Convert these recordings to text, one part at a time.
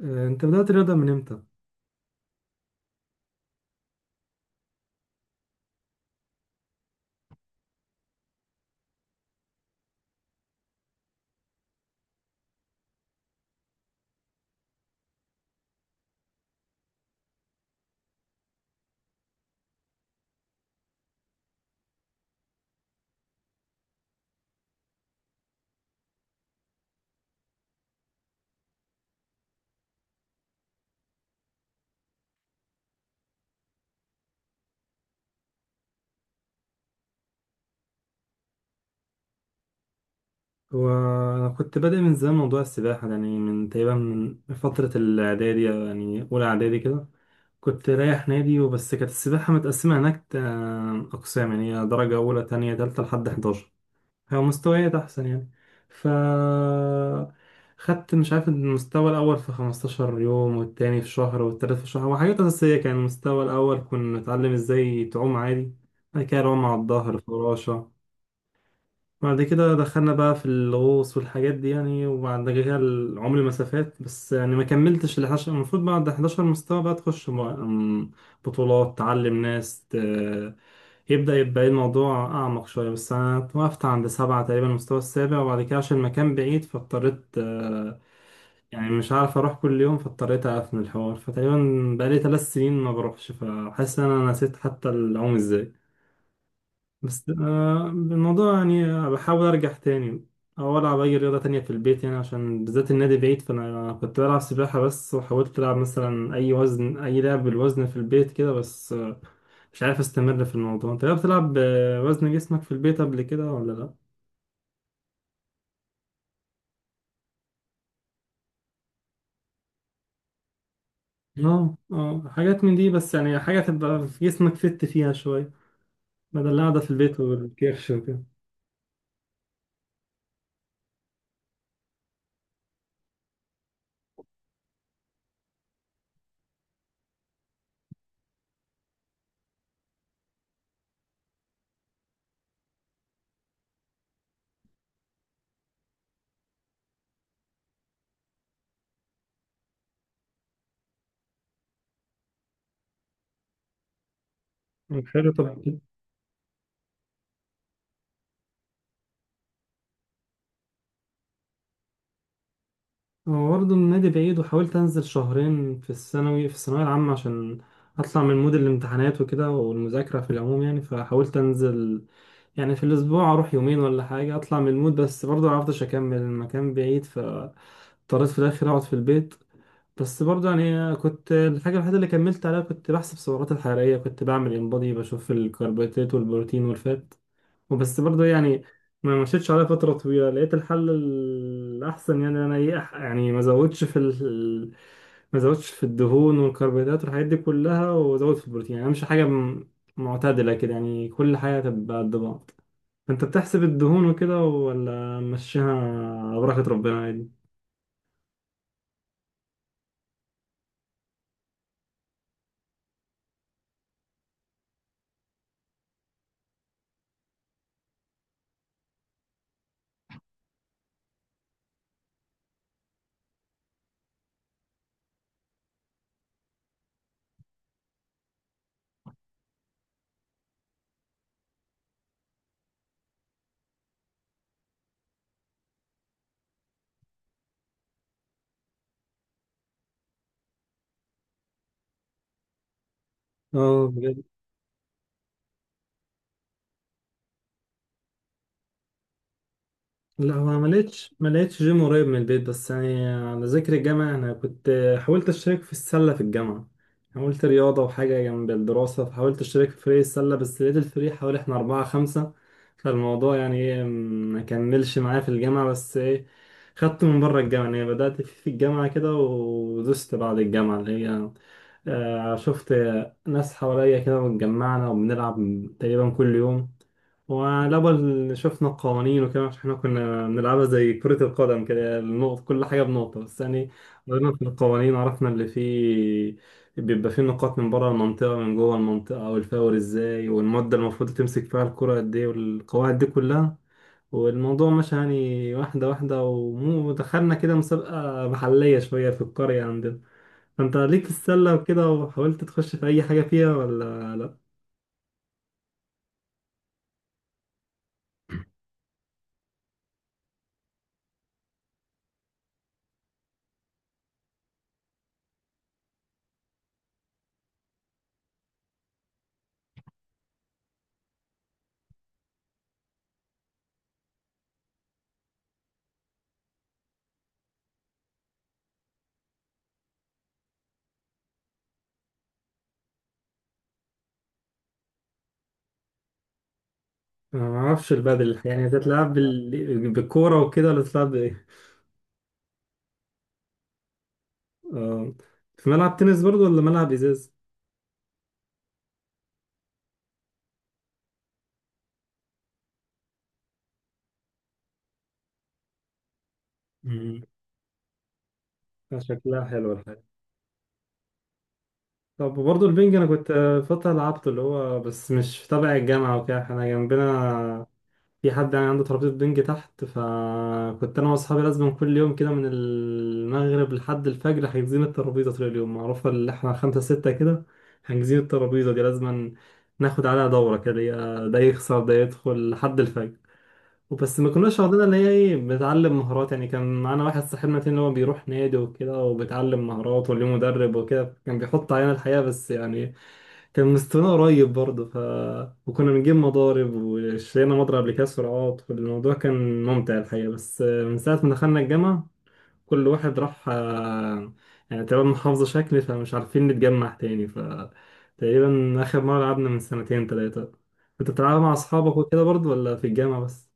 انت بدأت رياضة من امتى؟ هو انا كنت بادئ من زمان موضوع السباحة، يعني من تقريبا من فترة الاعدادي أو يعني اولى اعدادي كده. كنت رايح نادي وبس. كانت السباحة متقسمة هناك اقسام، يعني هي درجة اولى تانية تالتة لحد 11. هي مستويات احسن يعني. ف خدت مش عارف المستوى الاول في 15 يوم والتاني في شهر والتالت في شهر وحاجات اساسية. كان المستوى الاول كنا نتعلم ازاي تعوم عادي، بعد كده رمى على الظهر فراشة. بعد كده دخلنا بقى في الغوص والحاجات دي يعني، وبعد كده العمر مسافات بس. يعني ما كملتش ال 11. المفروض بعد 11 مستوى بقى تخش م- أم، بطولات تعلم ناس يبدأ يبقى إيه الموضوع أعمق شوية. بس أنا توقفت عند سبعة تقريبا، المستوى السابع. وبعد كده عشان المكان بعيد فاضطريت يعني مش عارف أروح كل يوم، فاضطريت أقفل الحوار. فتقريبا بقالي 3 سنين ما بروحش، فحاسس إن أنا نسيت حتى العوم إزاي. بس الموضوع يعني بحاول ارجع تاني، او العب اي رياضه تانية في البيت يعني عشان بالذات النادي بعيد. فانا كنت بلعب سباحه بس، وحاولت العب مثلا اي وزن، اي لعب بالوزن في البيت كده بس مش عارف استمر في الموضوع. انت بتلعب وزن جسمك في البيت قبل كده ولا لا؟ اه اه حاجات من دي. بس يعني حاجه تبقى في جسمك فيها شويه، بدل القعده في البيت والكرش وكده. حلو. طب هو برضه النادي بعيد، وحاولت انزل شهرين في الثانوي في الثانويه العامه عشان اطلع من مود الامتحانات وكده والمذاكره في العموم يعني. فحاولت انزل يعني في الاسبوع اروح يومين ولا حاجه، اطلع من المود. بس برضه معرفتش اكمل، المكان بعيد فاضطريت في الاخر اقعد في البيت. بس برضه يعني كنت الحاجه الوحيده اللي كملت عليها كنت بحسب السعرات الحراريه. كنت بعمل انبادي بشوف الكربوهيدرات والبروتين والفات. وبس برضه يعني ما مشيتش عليها فترة طويلة. لقيت الحل الأحسن، يعني أنا إيه يعني ما زودش في الدهون والكربوهيدرات والحاجات دي كلها، وزود في البروتين. يعني أمشي حاجة معتدلة كده، يعني كل حاجة تبقى قد بعض. فأنت بتحسب الدهون وكده ولا مشيها بركة ربنا عادي؟ اه بجد. لا هو ما لقيتش جيم قريب من البيت. بس يعني على ذكر الجامعة أنا كنت حاولت أشترك في السلة في الجامعة. حاولت رياضة وحاجة جنب الدراسة، فحاولت أشترك في فريق السلة. بس لقيت الفريق حوالي إحنا أربعة خمسة، فالموضوع يعني إيه ما كملش معايا في الجامعة. بس إيه، خدت من بره الجامعة يعني. بدأت في الجامعة كده، ودست بعد الجامعة اللي هي شفت ناس حواليا كده واتجمعنا وبنلعب تقريبا كل يوم. وعلى بال شفنا القوانين وكده، عشان احنا كنا بنلعبها زي كرة القدم كده، النقط كل حاجة بنقطة بس. يعني غيرنا في القوانين، عرفنا اللي فيه بيبقى فيه نقاط من بره المنطقة من جوه المنطقة، والفاول ازاي، والمدة المفروض تمسك فيها الكرة قد ايه، والقواعد دي كلها. والموضوع مشى يعني واحدة واحدة، ودخلنا كده مسابقة محلية شوية في القرية عندنا. فانت ليك في السلة وكده، وحاولت تخش في أي حاجة فيها ولا لأ؟ انا ما اعرفش البادل، يعني بالكوره وكده ولا تتلعب بايه؟ آه، في ملعب تنس برضو ولا ملعب ازاز؟ مم. شكلها حلو الحاجه. طب برضو البنج انا كنت فتره لعبته، اللي هو بس مش تبع الجامعه وكده. احنا جنبنا في حد يعني عنده ترابيزه بنج تحت، فكنت انا واصحابي لازم كل يوم كده من المغرب لحد الفجر حاجزين الترابيزه طول اليوم، معروفه اللي احنا خمسه سته كده حاجزين الترابيزه دي. لازم ناخد عليها دوره كده، يا ده يخسر ده يدخل لحد الفجر. وبس ما كناش واخدين اللي هي ايه بتعلم مهارات يعني. كان معانا واحد صاحبنا تاني اللي هو بيروح نادي وكده وبيتعلم مهارات وليه مدرب وكده، كان بيحط علينا الحقيقة، بس يعني كان مستوانا قريب برضه. وكنا بنجيب مضارب، واشترينا مضرب لكأس سرعات. والموضوع كان ممتع الحقيقة. بس من ساعة ما دخلنا الجامعة كل واحد راح يعني تقريبا محافظة شكل، فمش عارفين نتجمع تاني. تقريبا آخر مرة لعبنا من سنتين تلاتة. كنت بتلعبها مع أصحابك وكده برضه، ولا في الجامعة بس؟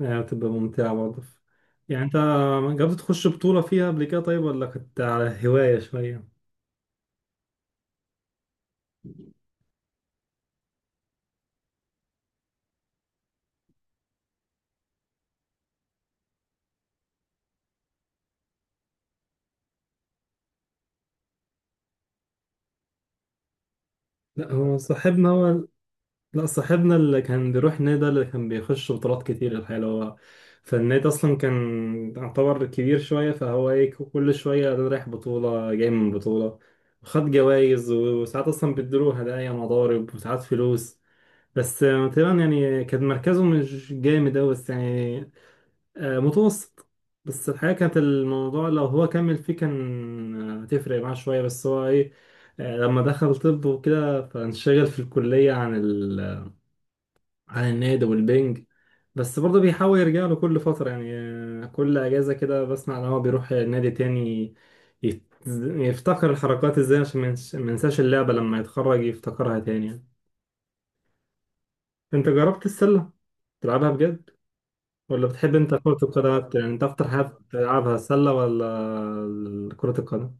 يعني بتبقى ممتعة برضه. يعني انت جربت تخش بطولة فيها قبل كده طيب، ولا كنت على هواية شوية؟ لا هو صاحبنا هو، لا صاحبنا اللي كان بيروح النادي ده اللي كان بيخش بطولات كتير الحقيقة، اللي هو فالنادي أصلا كان يعتبر كبير شوية. فهو ايه كل شوية ده رايح بطولة جاي من بطولة، وخد جوايز وساعات أصلا بيديله هدايا مضارب وساعات فلوس. بس تقريبا يعني كان مركزه مش جامد أوي، بس يعني متوسط. بس الحقيقة كانت الموضوع لو هو كمل فيه كان هتفرق معاه شوية. بس هو ايه لما دخل طب وكده فانشغل في الكلية عن عن النادي والبنج. بس برضه بيحاول يرجع له كل فترة يعني كل أجازة كده بسمع إن هو بيروح نادي تاني يت- يفتكر الحركات ازاي عشان ما ينساش اللعبة لما يتخرج يفتكرها تاني يعني. انت جربت السلة تلعبها بجد؟ ولا بتحب انت كرة القدم اكتر؟ يعني انت اكتر حاجة بتلعبها السلة ولا كرة القدم؟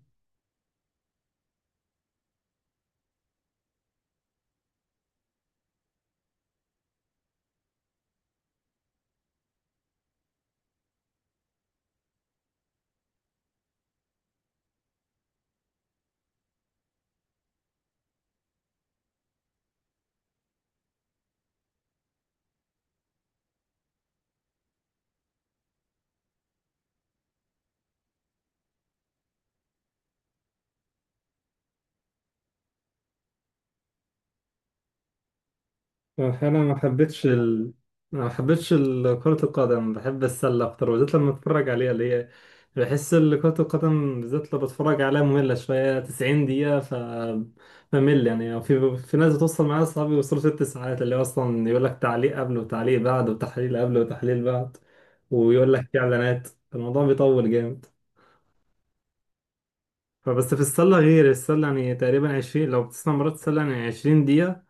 انا ما حبيتش ال- كرة القدم، بحب السلة اكتر، وبالذات لما اتفرج عليها اللي هي بحس كرة القدم بالذات لو بتفرج عليها مملة شوية. 90 دقيقة بمل يعني. في ناس بتوصل معايا اصحابي يوصلوا 6 ساعات، اللي هو اصلا يقول لك تعليق قبل وتعليق بعد وتحليل قبل وتحليل بعد، ويقول لك في اعلانات. الموضوع بيطول جامد. فبس في السلة غير، السلة يعني تقريبا عشرين لو بتسمع مرات، السلة يعني 20 دقيقة.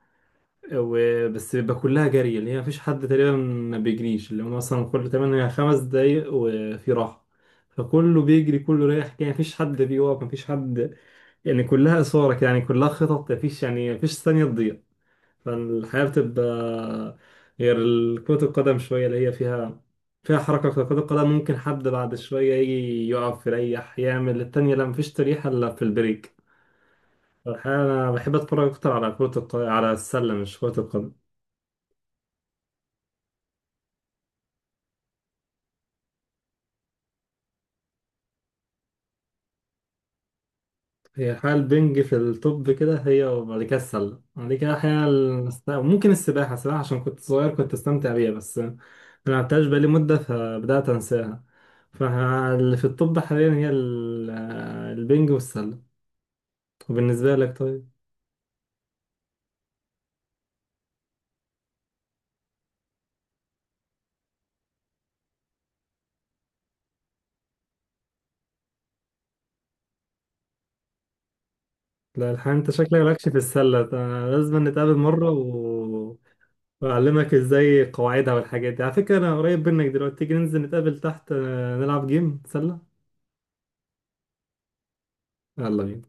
وبس بيبقى كلها جري، اللي هي مفيش حد تقريبا ما بيجريش، اللي هو مثلا كل تمانية خمس دقايق وفي راحة. فكله بيجري كله رايح، يعني مفيش حد بيقف مفيش حد، يعني كلها إثارة كده، يعني كلها خطط، مفيش يعني مفيش ثانية تضيع. فالحياة بتبقى غير كرة القدم شوية، اللي هي فيها حركة أكتر. كرة القدم ممكن حد بعد شوية يجي يقف يريح يعمل التانية. لا مفيش تريحة إلا في البريك. الحقيقة أنا بحب أتفرج أكتر على على السلة مش كرة القدم. هي الحقيقة البنج في التوب كده، هي وبعد كده السلة، بعد كده الحقيقة ممكن السباحة. السباحة عشان كنت صغير كنت أستمتع بيها، بس ما لعبتهاش بقالي مدة فبدأت أنساها. فاللي في التوب حاليا هي البنج والسلة. وبالنسبة لك طيب؟ لا الحقيقة انت شكلك مالكش في السلة ده، لازم نتقابل مرة و... وأعلمك ازاي قواعدها والحاجات دي. على فكرة انا قريب منك دلوقتي، تيجي ننزل نتقابل تحت نلعب جيم سلة. يلا بينا